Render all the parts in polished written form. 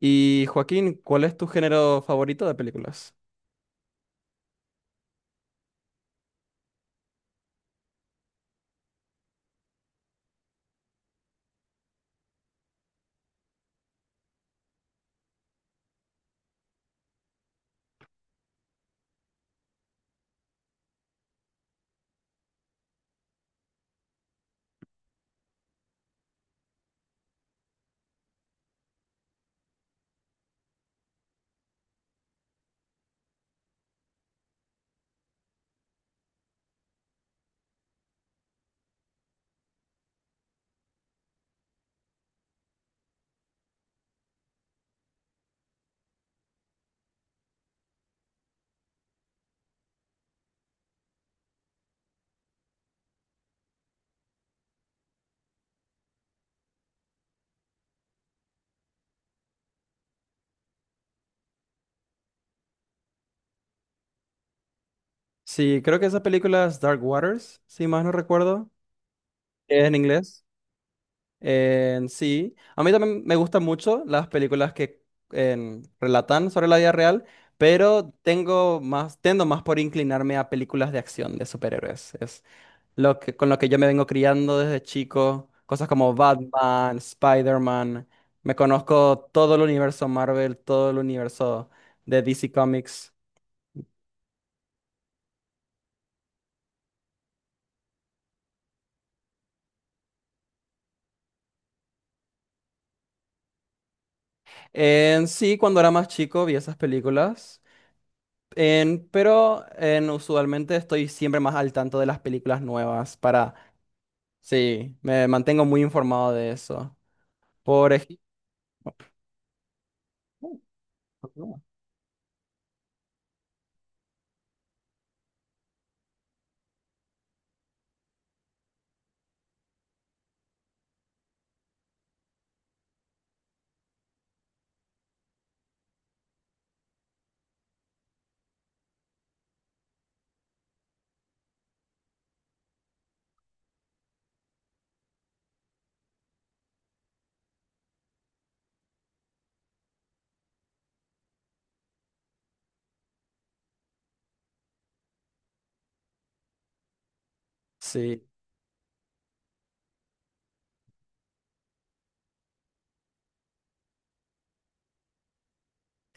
Y Joaquín, ¿cuál es tu género favorito de películas? Sí, creo que esa película es Dark Waters, si más no recuerdo, que es en inglés. En sí, a mí también me gustan mucho las películas que relatan sobre la vida real, pero tendo más por inclinarme a películas de acción de superhéroes. Es lo que, con lo que yo me vengo criando desde chico, cosas como Batman, Spider-Man, me conozco todo el universo Marvel, todo el universo de DC Comics. En sí, cuando era más chico vi esas películas, usualmente estoy siempre más al tanto de las películas nuevas para... Sí, me mantengo muy informado de eso. Por ejemplo... Uh, Sí.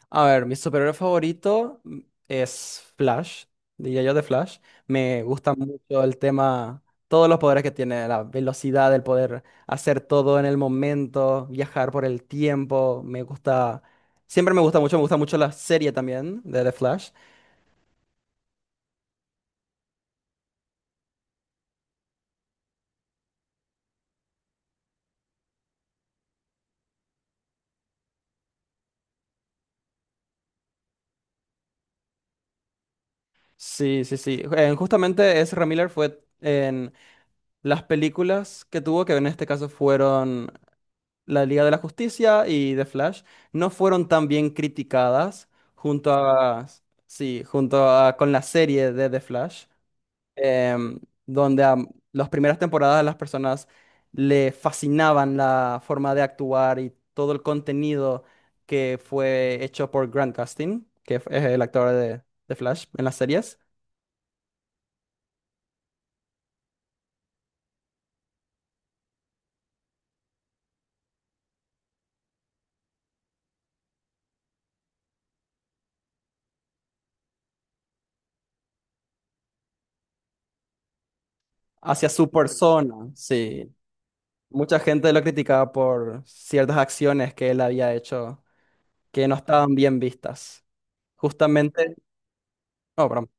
A ver, mi superhéroe favorito es Flash, diría yo de Flash. Me gusta mucho el tema, todos los poderes que tiene, la velocidad, el poder hacer todo en el momento, viajar por el tiempo. Siempre me gusta mucho la serie también de The Flash. Sí, sí, sí. Justamente Ezra Miller fue en las películas que tuvo, que en este caso fueron la Liga de la Justicia y The Flash, no fueron tan bien criticadas junto a, sí, junto a, con la serie de The Flash, em, donde a las primeras temporadas las personas le fascinaban la forma de actuar y todo el contenido que fue hecho por Grant Gustin, que es el actor de Flash en las series, hacia su persona, sí. Mucha gente lo criticaba por ciertas acciones que él había hecho que no estaban bien vistas. Justamente, no, perdón.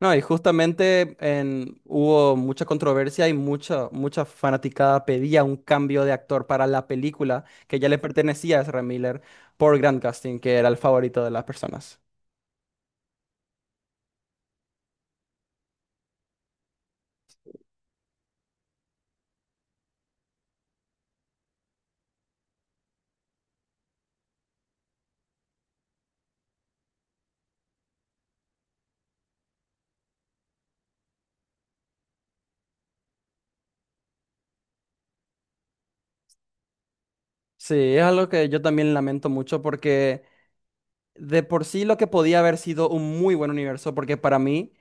No, y justamente hubo mucha controversia y mucha, mucha fanaticada pedía un cambio de actor para la película que ya le pertenecía a Ezra Miller por Grant Gustin, que era el favorito de las personas. Sí, es algo que yo también lamento mucho porque de por sí lo que podía haber sido un muy buen universo, porque para mí,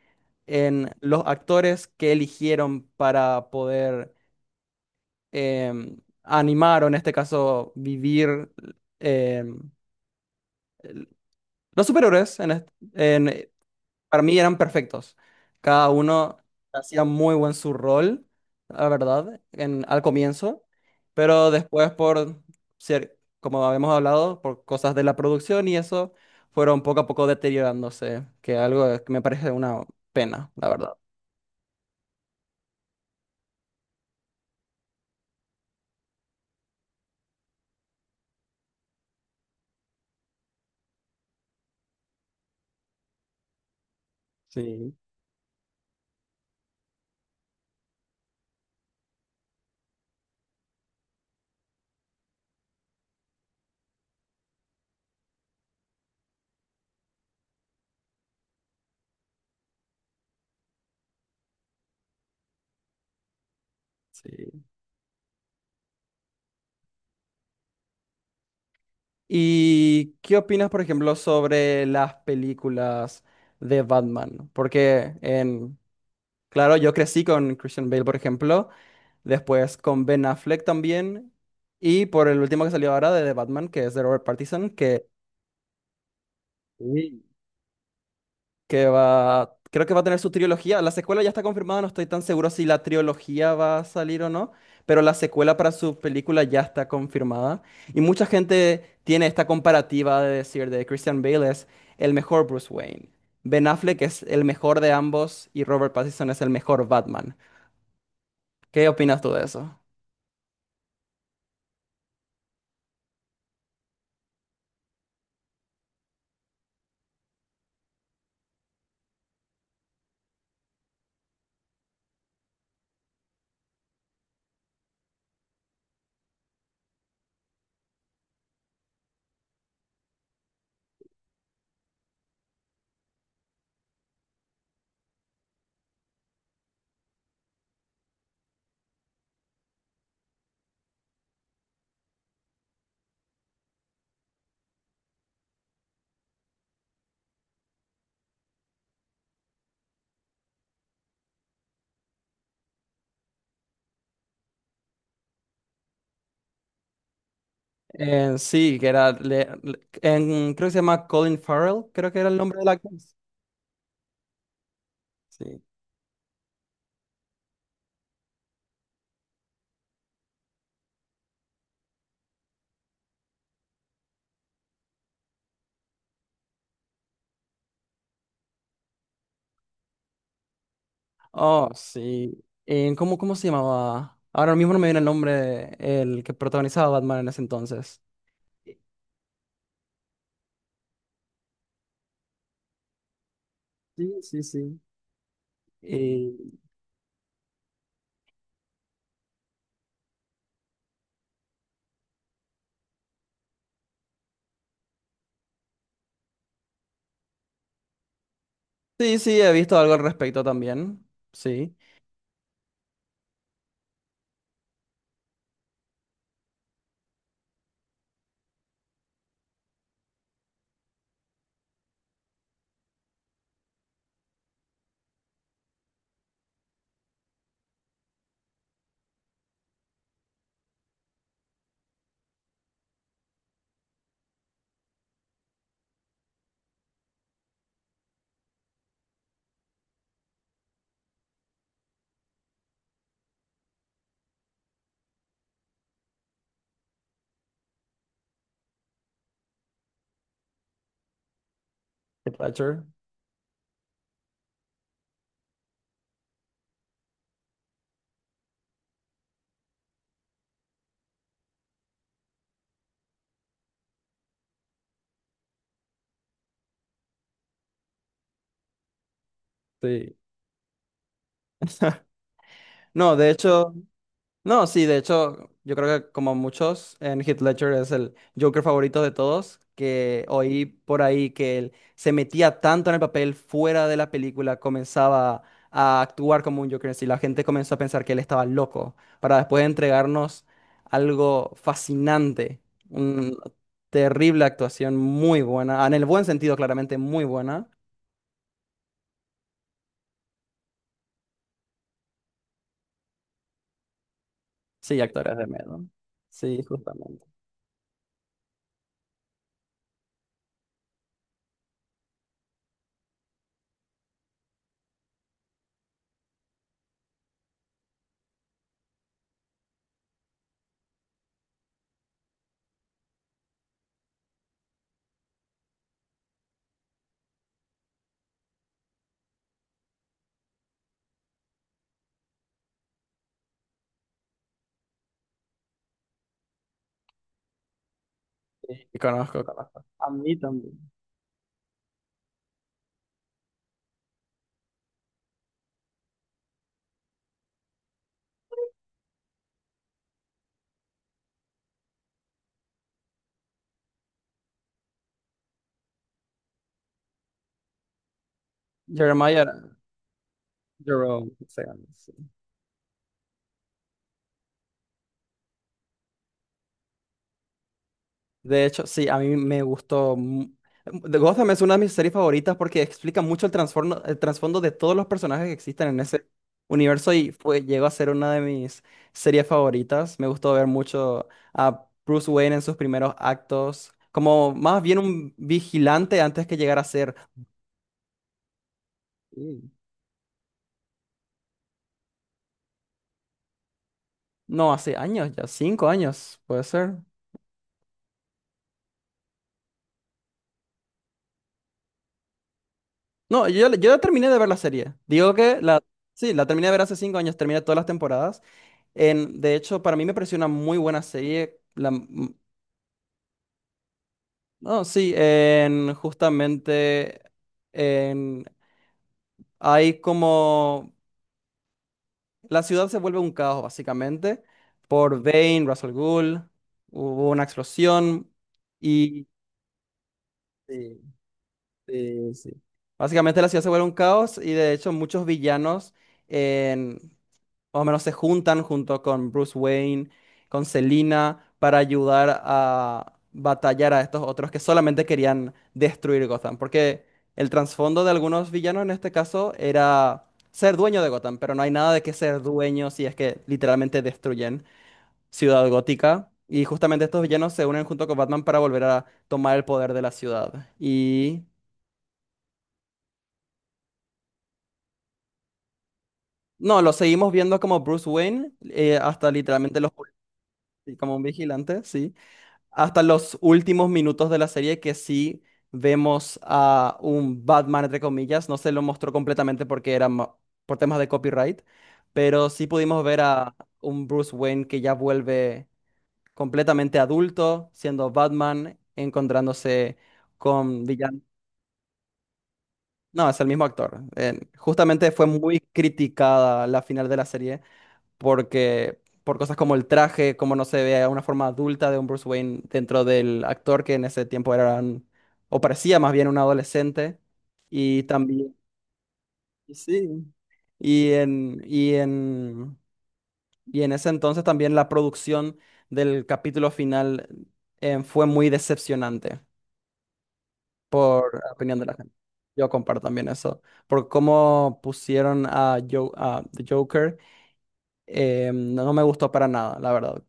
en los actores que eligieron para poder em, animar o en este caso vivir em, el- los superhéroes en- para mí eran perfectos. Cada uno hacía muy buen su rol, la verdad, en, al comienzo, pero después por ser, como habíamos hablado, por cosas de la producción y eso, fueron poco a poco deteriorándose, que algo que me parece una pena, la verdad. Sí, sí. ¿Y qué opinas, por ejemplo, sobre las películas de Batman? Porque en, claro, yo crecí con Christian Bale, por ejemplo, después con Ben Affleck también, y por el último que salió ahora de The Batman, que es de Robert Pattinson, que sí, que va, creo que va a tener su trilogía. La secuela ya está confirmada, no estoy tan seguro si la trilogía va a salir o no, pero la secuela para su película ya está confirmada. Y mucha gente tiene esta comparativa de decir de Christian Bale es el mejor Bruce Wayne, Ben Affleck es el mejor de ambos y Robert Pattinson es el mejor Batman. ¿Qué opinas tú de eso? Sí, que era, creo que se llama Colin Farrell, creo que era el nombre de la actriz. Sí. Oh, sí. ¿Cómo, cómo se llamaba? Ahora mismo no me viene el nombre el que protagonizaba a Batman en ese entonces. Sí, sí, sí. Eh, sí, sí, he visto algo al respecto también. Sí. Heath Ledger. Sí. No, de hecho. No, sí, de hecho, yo creo que como muchos, en Heath Ledger es el Joker favorito de todos, que oí por ahí que él se metía tanto en el papel fuera de la película, comenzaba a actuar como un Joker en sí, la gente comenzó a pensar que él estaba loco, para después entregarnos algo fascinante, una terrible actuación, muy buena, en el buen sentido, claramente, muy buena. Sí, actores de miedo. Sí, justamente. Sí, conozco, conozco. A mí también. Jeremiah, Jerome, se llama, sí. De hecho, sí, a mí me gustó. The Gotham es una de mis series favoritas porque explica mucho el trasfondo de todos los personajes que existen en ese universo y fue, llegó a ser una de mis series favoritas. Me gustó ver mucho a Bruce Wayne en sus primeros actos, como más bien un vigilante antes que llegara a ser. Mm. No, hace años ya, cinco años, puede ser. No, yo ya terminé de ver la serie. Digo que la, sí, la terminé de ver hace cinco años, terminé todas las temporadas. En, de hecho, para mí me pareció una muy buena serie. No, sí, justamente en, hay como... La ciudad se vuelve un caos, básicamente, por Bane, Russell Gould, hubo una explosión y... Sí, sí, sí. Básicamente la ciudad se vuelve un caos y de hecho muchos villanos más o menos se juntan junto con Bruce Wayne, con Selina, para ayudar a batallar a estos otros que solamente querían destruir Gotham. Porque el trasfondo de algunos villanos en este caso era ser dueño de Gotham, pero no hay nada de que ser dueño si es que literalmente destruyen Ciudad Gótica. Y justamente estos villanos se unen junto con Batman para volver a tomar el poder de la ciudad. Y no, lo seguimos viendo como Bruce Wayne, hasta literalmente los, como un vigilante, sí. Hasta los últimos minutos de la serie que sí vemos a un Batman, entre comillas. No se lo mostró completamente porque era por temas de copyright, pero sí pudimos ver a un Bruce Wayne que ya vuelve completamente adulto, siendo Batman, encontrándose con villanos. No, es el mismo actor. Justamente fue muy criticada la final de la serie porque por cosas como el traje, como no se ve una forma adulta de un Bruce Wayne dentro del actor que en ese tiempo era o parecía más bien un adolescente y también sí. Y en y en y en ese entonces también la producción del capítulo final fue muy decepcionante por opinión de la gente. Yo comparto también eso, por cómo pusieron a, a The Joker, no, no me gustó para nada, la verdad.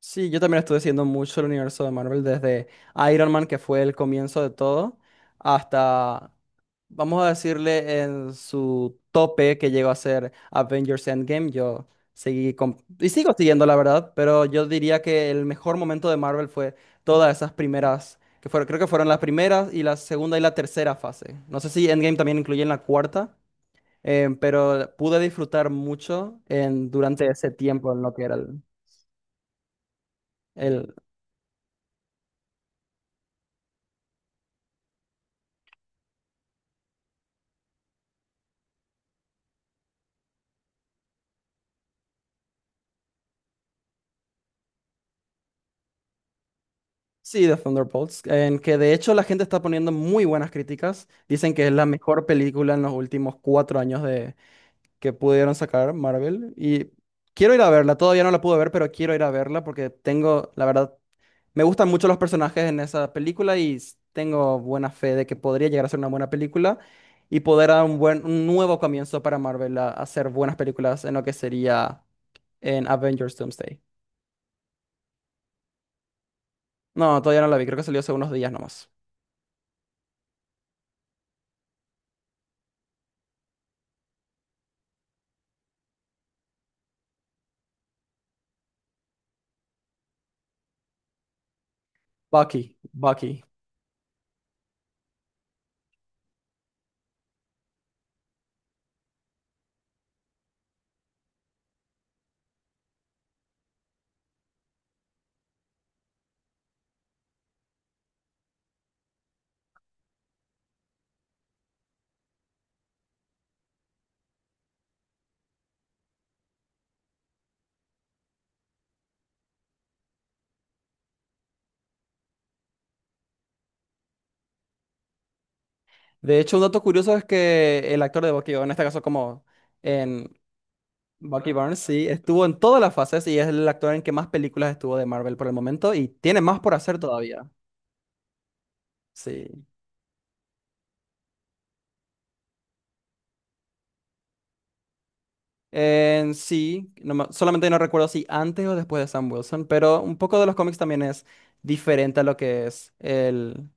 Sí, yo también estuve siguiendo mucho el universo de Marvel desde Iron Man, que fue el comienzo de todo, hasta, vamos a decirle, en su tope que llegó a ser Avengers Endgame. Yo y sigo siguiendo, la verdad, pero yo diría que el mejor momento de Marvel fue todas esas primeras, que fueron, creo que fueron las primeras y la segunda y la tercera fase. No sé si Endgame también incluye en la cuarta, pero pude disfrutar mucho en, durante ese tiempo en lo que era el... Sí, The Thunderbolts, en que de hecho la gente está poniendo muy buenas críticas. Dicen que es la mejor película en los últimos cuatro años de que pudieron sacar Marvel. Y quiero ir a verla, todavía no la pude ver, pero quiero ir a verla porque tengo, la verdad, me gustan mucho los personajes en esa película y tengo buena fe de que podría llegar a ser una buena película y poder dar un buen, un nuevo comienzo para Marvel a hacer buenas películas en lo que sería en Avengers Doomsday. No, todavía no la vi, creo que salió hace unos días nomás. Bucky, Bucky. De hecho, un dato curioso es que el actor de Bucky, o en este caso como en Bucky Barnes, sí, estuvo en todas las fases y es el actor en que más películas estuvo de Marvel por el momento y tiene más por hacer todavía. Sí. En sí, solamente no recuerdo si antes o después de Sam Wilson, pero un poco de los cómics también es diferente a lo que es el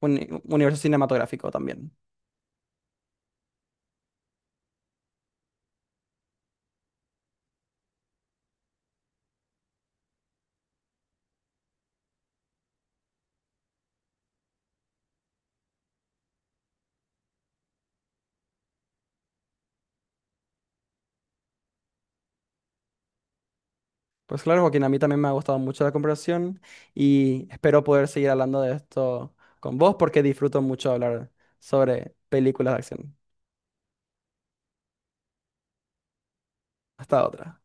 universo cinematográfico también. Pues claro, Joaquín, a mí también me ha gustado mucho la conversación y espero poder seguir hablando de esto con vos porque disfruto mucho hablar sobre películas de acción. Hasta otra.